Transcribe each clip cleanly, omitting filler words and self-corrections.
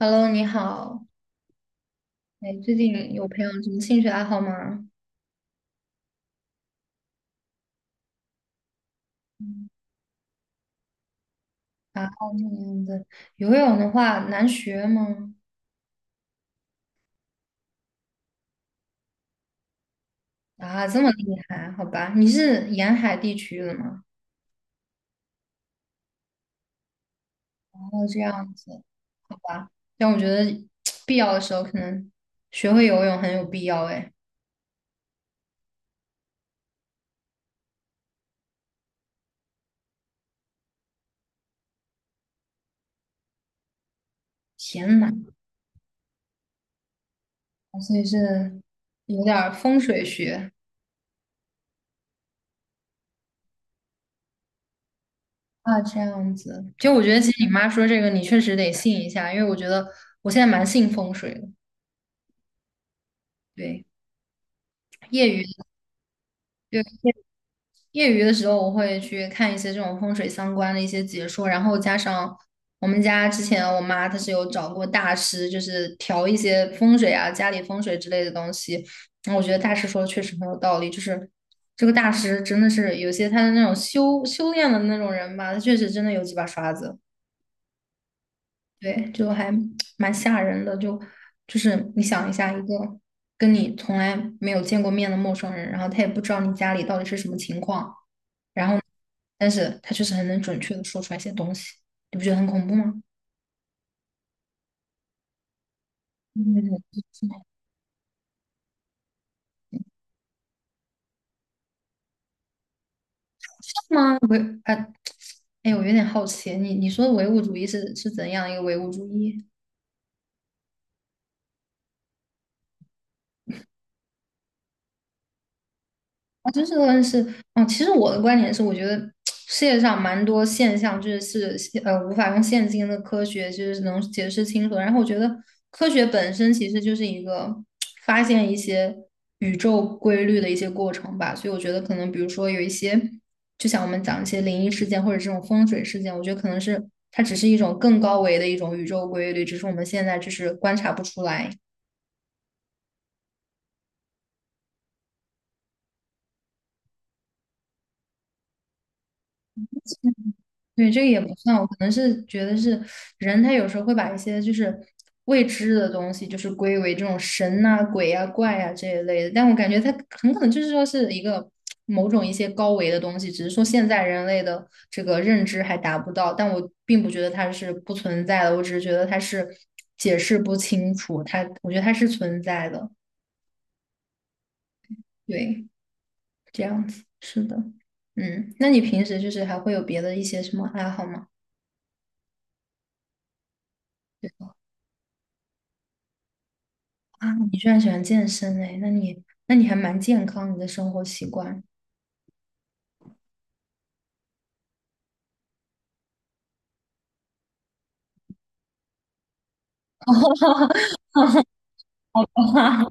Hello，你好。哎，最近有培养什么兴趣爱好吗？嗯啊，那样子，游泳的话难学吗？啊，这么厉害，好吧？你是沿海地区的吗？哦，这样子，好吧。但我觉得 必要的时候可能学会游泳很有必要。哎，天呐，所以是有点儿风水学啊，这样子。其实我觉得，其实你妈说这个，你确实得信一下，因为我觉得我现在蛮信风水的。对，业余。对。业余的时候，我会去看一些这种风水相关的一些解说，然后加上我们家之前我妈她是有找过大师，就是调一些风水啊、家里风水之类的东西。然后我觉得大师说的确实很有道理，就是这个大师真的是有些他的那种修炼的那种人吧，他确实真的有几把刷子，对，就还蛮吓人的。就就是你想一下，一个跟你从来没有见过面的陌生人，然后他也不知道你家里到底是什么情况。然后，但是他就是很能准确的说出来一些东西，你不觉得很恐怖吗？嗯，是吗？维啊，哎，我有点好奇，你说的唯物主义是怎样一个唯物主义？啊，就是论人是，嗯，其实我的观点是，我觉得 世界上蛮多现象就是无法用现今的科学就是能解释清楚的。然后我觉得科学本身其实就是一个 发现一些宇宙规律的一些过程吧。所以我觉得可能比如说有一些，就像我们讲一些灵异事件或者这种风水事件，我觉得可能是它只是一种更高维的一种宇宙规律，只是我们现在就是观察不出来。对，这个也不算，我可能是觉得是人，他有时候会把一些就是未知的东西，就是归为这种神呐、鬼呀、怪呀、这一类的。但我感觉他很可能就是说是一个某种一些高维的东西，只是说现在人类的这个认知还达不到。但我并不觉得它是不存在的，我只是觉得它是解释不清楚，它我觉得它是存在的。对，这样子，是的，嗯，那你平时就是还会有别的一些什么爱好吗？啊，你居然喜欢健身哎，那你还蛮健康，你的生活习惯。好吧，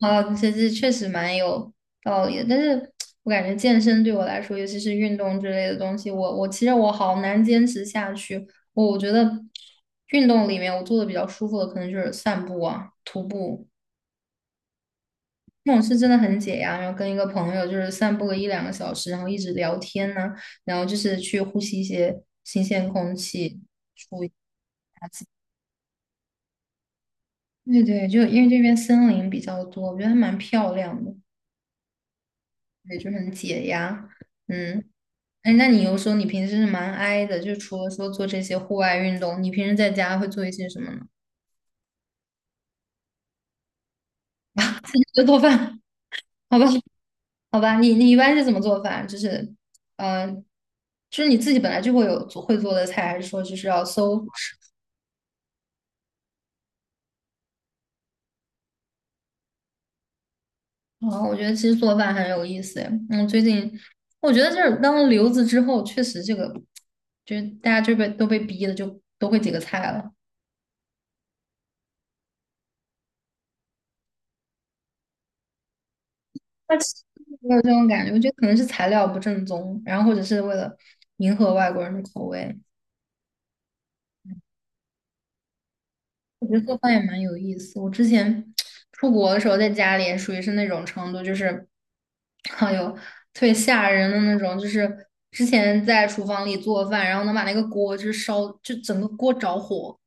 啊，这这确实蛮有道理的，但是我感觉健身对我来说，尤其是运动之类的东西，我其实我好难坚持下去。我觉得运动里面我做的比较舒服的，可能就是散步啊、徒步那种是真的很解压。然后跟一个朋友就是散步个一两个小时，然后一直聊天呢、然后就是去呼吸一些新鲜空气。补一下对对，就因为这边森林比较多，我觉得还蛮漂亮的，对，就很解压。嗯，哎，那你又说你平时是蛮 i 的，就除了说做这些户外运动，你平时在家会做一些什么呢？就做饭，好吧，好吧，你一般是怎么做饭？就是，嗯，就是你自己本来就会有做会做的菜，还是说就是要搜？哦，我觉得其实做饭很有意思诶。嗯，最近我觉得就是当了留子之后，确实这个就是大家就被都被逼的就都会几个菜了。那其实我有这种感觉，我觉得可能是材料不正宗，然后或者是为了迎合外国人的口味。我觉得做饭也蛮有意思。我之前出国的时候，在家里也属于是那种程度，就是哎呦，特别吓人的那种，就是之前在厨房里做饭，然后能把那个锅就是烧，就整个锅着火。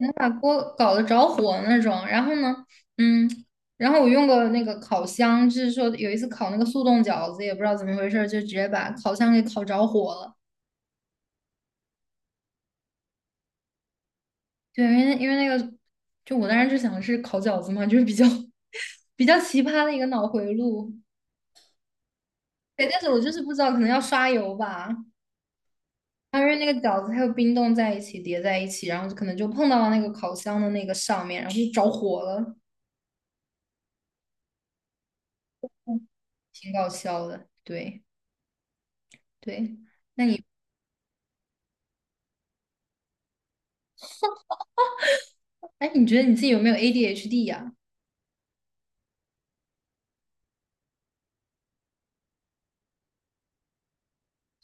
能把锅搞得着火那种。然后呢，嗯，然后我用过那个烤箱，就是说有一次烤那个速冻饺子，也不知道怎么回事儿，就直接把烤箱给烤着火了。对，因为那个，就我当时就想的是烤饺子嘛，就是比较 比较奇葩的一个脑回路。对，但是我就是不知道，可能要刷油吧。它因为那个饺子还有冰冻在一起叠在一起，然后就可能就碰到了那个烤箱的那个上面，然后就着火了，挺搞笑的。对对，那你？哎，你觉得你自己有没有 ADHD 呀、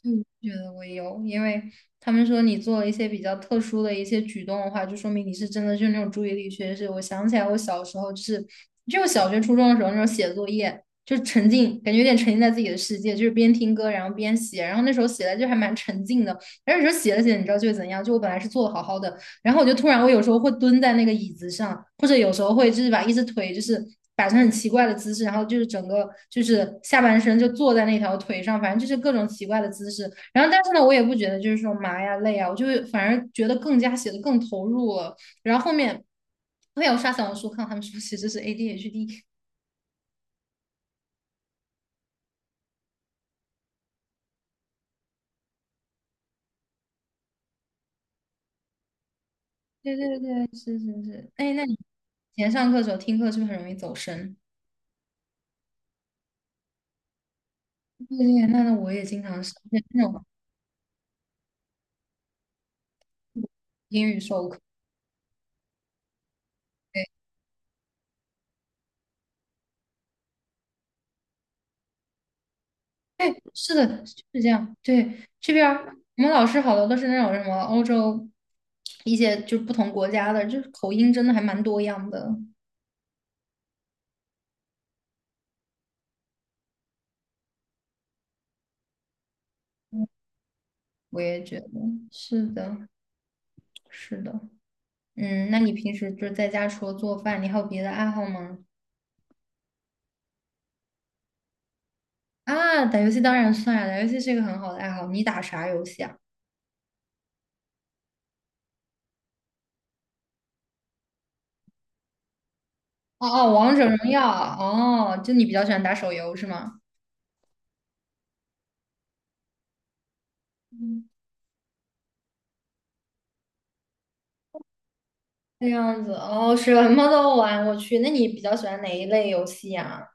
就觉得我有，因为他们说你做了一些比较特殊的一些举动的话，就说明你是真的就是那种注意力缺失。我想起来，我小时候就是就我小学、初中的时候那种写作业，就沉浸，感觉有点沉浸在自己的世界，就是边听歌然后边写，然后那时候写的就还蛮沉浸的。然后有时候写着写着，你知道就会怎样？就我本来是做的好好的，然后我就突然，我有时候会蹲在那个椅子上，或者有时候会就是把一只腿就是摆成很奇怪的姿势，然后就是整个就是下半身就坐在那条腿上，反正就是各种奇怪的姿势。然后但是呢，我也不觉得就是说麻呀累啊，我就会反而觉得更加写的更投入了。然后后面我有刷小红书看他们说其实是 ADHD，对对对，是是是。哎，那你以前上课的时候听课是不是很容易走神？对对，那那我也经常是那种英语授课。对，是的，就是这样。对，这边儿我们老师好多都是那种什么欧洲一些就是不同国家的，就是口音真的还蛮多样的。我也觉得是的，是的。嗯，那你平时就是在家除了做饭，你还有别的爱好吗？啊，打游戏当然算啊，打游戏是一个很好的爱好。你打啥游戏啊？哦哦，王者荣耀。哦，就你比较喜欢打手游是吗？嗯，这样子。哦，什么都玩，我去。那你比较喜欢哪一类游戏呀、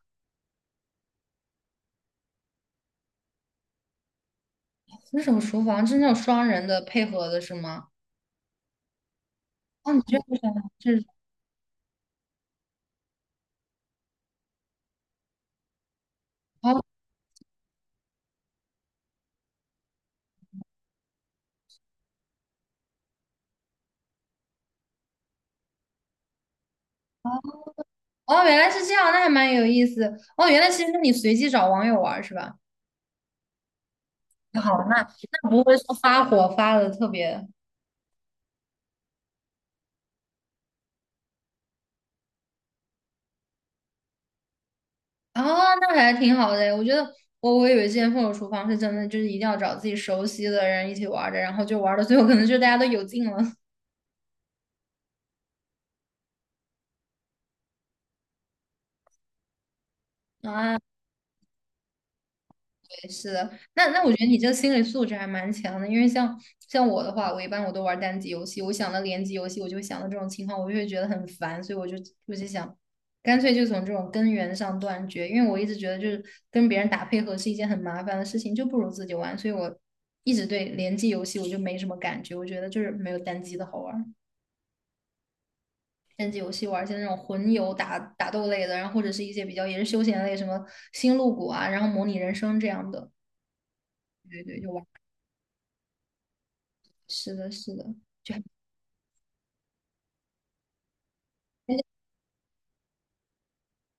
那种厨房是那种双人的配合的是吗？哦，你这个是哦哦哦，原来是这样，那还蛮有意思。哦，原来其实是你随机找网友玩儿是吧？那好，那那不会说发火发的特别啊、那还挺好的。我觉得我我以为之前分手厨房是真的，就是一定要找自己熟悉的人一起玩儿的，然后就玩儿到最后可能就大家都有劲了啊。是的，那那我觉得你这个心理素质还蛮强的，因为像像我的话，我一般我都玩单机游戏，我想到联机游戏，我就会想到这种情况，我就会觉得很烦，所以我就我就想，干脆就从这种根源上断绝，因为我一直觉得就是跟别人打配合是一件很麻烦的事情，就不如自己玩，所以我一直对联机游戏我就没什么感觉，我觉得就是没有单机的好玩儿单机游戏玩一些那种魂游打打斗类的，然后或者是一些比较也是休闲类，什么星露谷啊，然后模拟人生这样的，对对，就玩。是的，是的，就还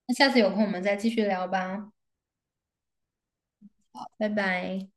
那下次有空我们再继续聊吧，好拜拜。